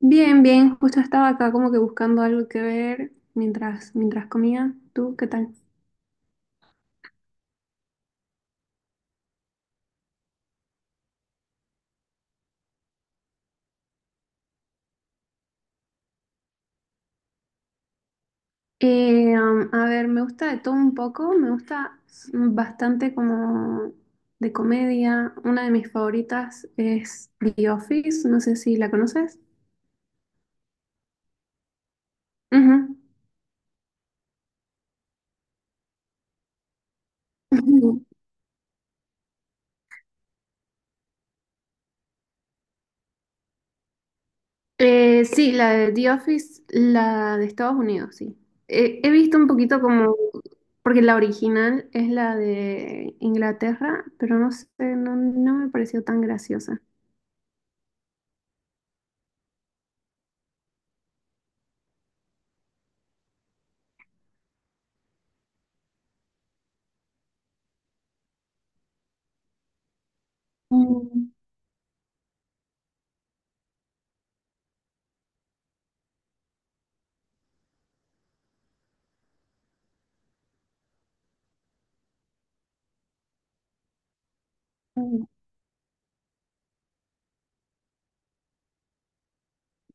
Bien, bien, justo estaba acá como que buscando algo que ver mientras, mientras comía. ¿Tú qué tal? A ver, me gusta de todo un poco, me gusta bastante como de comedia. Una de mis favoritas es The Office, no sé si la conoces. Ujú. Sí, la de The Office, la de Estados Unidos, sí. He visto un poquito como, porque la original es la de Inglaterra, pero no sé, no, no me pareció tan graciosa. Mm, mm,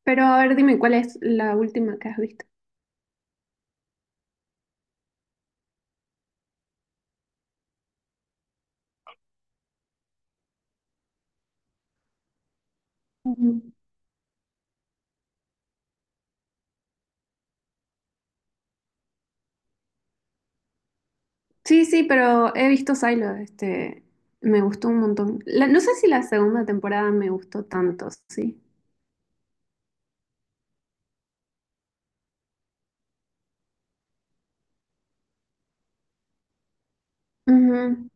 Pero a ver, dime, ¿cuál es la última que has visto? Mm. Sí, sí, pero he visto Silo, este, me gustó un montón. No sé si la segunda temporada me gustó tanto, sí. Ujú.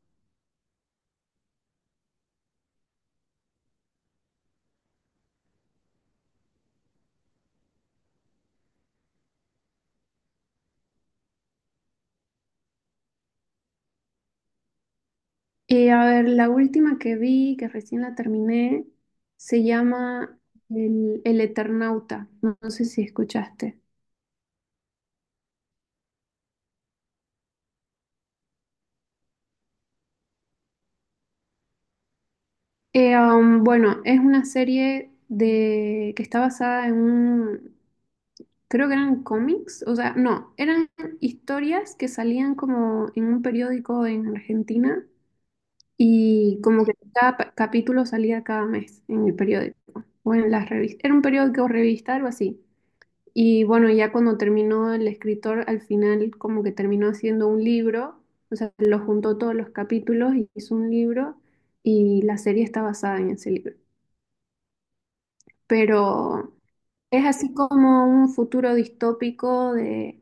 A ver, la última que vi, que recién la terminé, se llama El Eternauta. No, no sé si escuchaste. Bueno, es una serie de, que está basada en un, creo que eran cómics, o sea, no, eran historias que salían como en un periódico en Argentina y como que cada capítulo salía cada mes en el periódico o en las revistas. Era un periódico o revista, algo así. Y bueno, ya cuando terminó el escritor, al final como que terminó haciendo un libro, o sea, lo juntó todos los capítulos y hizo un libro y la serie está basada en ese libro. Pero es así como un futuro distópico de,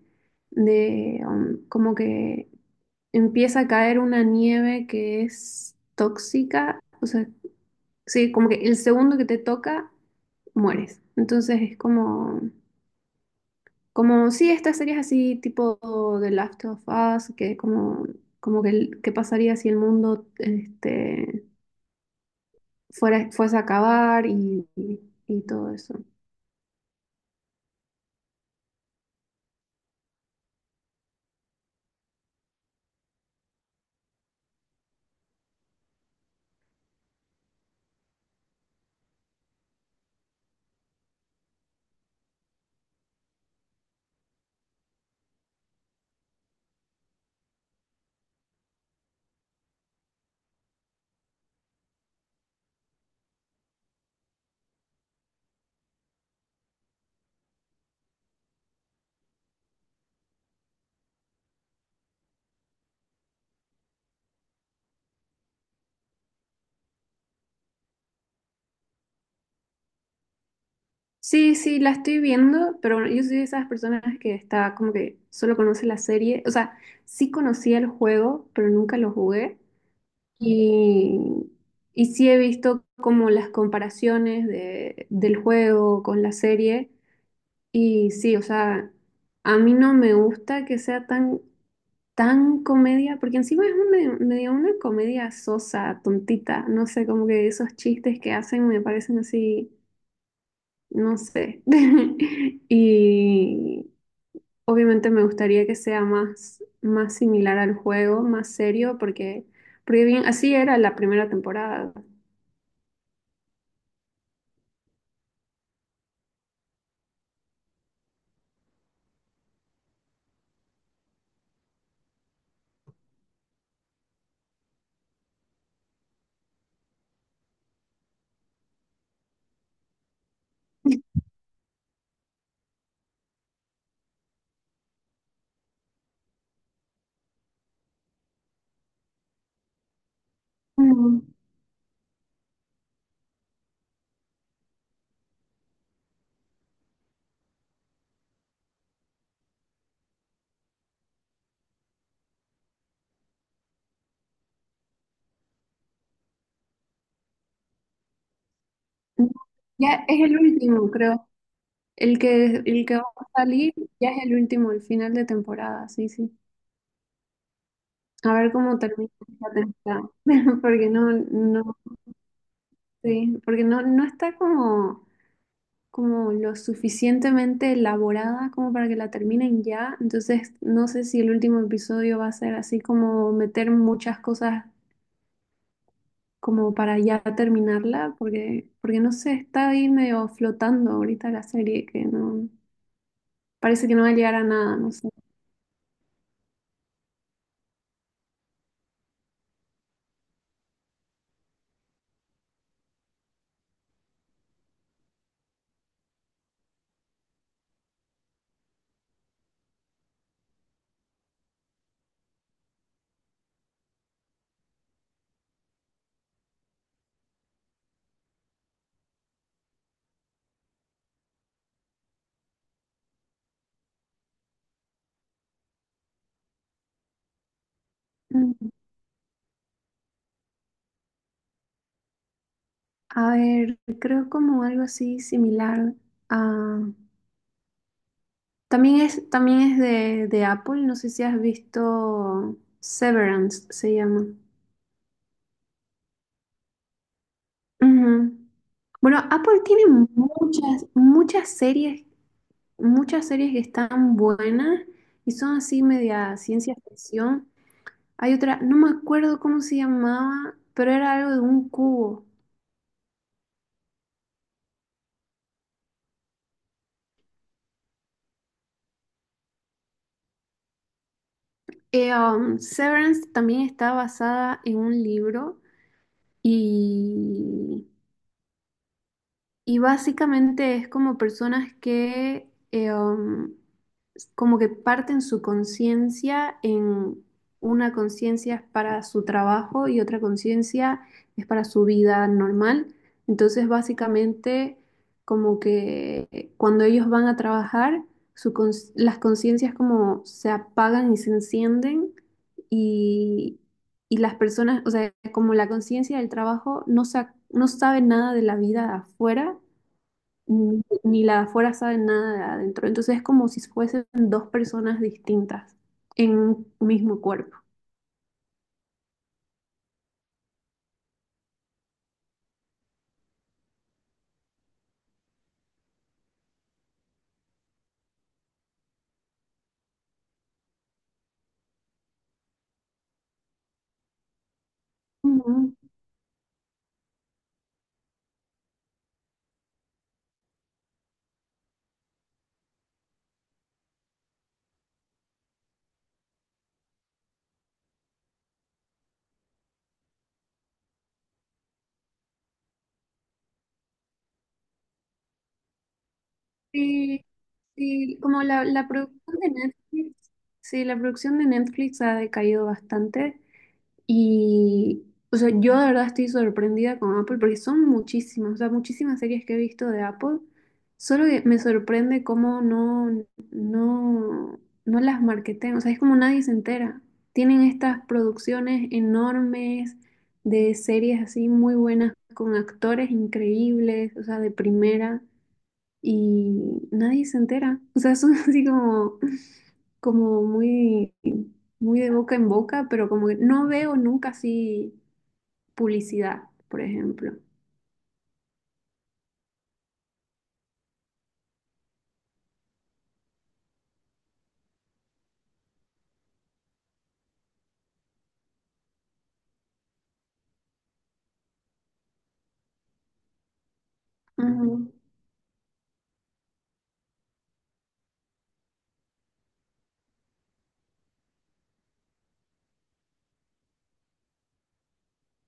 de como que empieza a caer una nieve que es tóxica, o sea, sí, como que el segundo que te toca, mueres. Entonces es como… Como sí, estas series así tipo The Last of Us, que como, como que qué pasaría si el mundo este, fuese a acabar y y todo eso. Sí, sí, la estoy viendo, pero yo soy de esas personas que está como que solo conoce la serie. O sea, sí conocía el juego, pero nunca lo jugué. Y, y sí he visto como las comparaciones del juego con la serie. Y sí, o sea, a mí no me gusta que sea tan, tan comedia, porque encima es una, medio una comedia sosa, tontita, no sé, como que esos chistes que hacen me parecen así, no sé. Y obviamente me gustaría que sea más, más similar al juego, más serio, porque, porque bien, así era la primera temporada. Mm. Ya es el último, creo. El que va a salir ya es el último, el final de temporada, sí, sí. A ver cómo termina esta temporada. Porque no, no, sí, porque no, no está como, como lo suficientemente elaborada como para que la terminen ya. Entonces, no sé si el último episodio va a ser así como meter muchas cosas como para ya terminarla, porque, porque no sé, está ahí medio flotando ahorita la serie, que no, parece que no va a llegar a nada, no sé. A ver, creo como algo así similar a… también es de Apple, no sé si has visto Severance, se llama. Ujú. Bueno, Apple tiene muchas, muchas series que están buenas y son así media ciencia ficción. Hay otra, no me acuerdo cómo se llamaba, pero era algo de un cubo. Severance también está basada en un libro y Y básicamente es como personas que como que parten su conciencia en una conciencia es para su trabajo y otra conciencia es para su vida normal. Entonces, básicamente, como que cuando ellos van a trabajar, su las conciencias como se apagan y se encienden y, y las personas, o sea, como la conciencia del trabajo no, no sabe nada de la vida afuera ni, ni la de afuera sabe nada de adentro. Entonces es como si fuesen dos personas distintas en un mismo cuerpo. Ujú. Sí, sí, como la producción de Netflix, sí, la producción de Netflix ha decaído bastante. Y, o sea, yo de verdad estoy sorprendida con Apple porque son muchísimas, o sea, muchísimas series que he visto de Apple. Solo que me sorprende cómo no, no, no las marketean, o sea, es como nadie se entera. Tienen estas producciones enormes de series así muy buenas, con actores increíbles, o sea, de primera y nadie se entera. O sea, son así como, como muy, muy de boca en boca, pero como que no veo nunca así publicidad, por ejemplo. Ujú,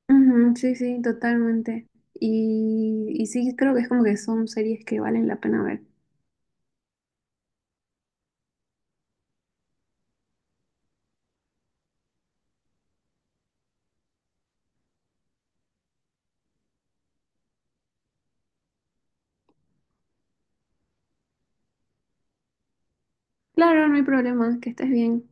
ujú, sí, sí, totalmente. Y sí, creo que es como que son series que valen la pena ver. Claro, no hay problema, que estés bien.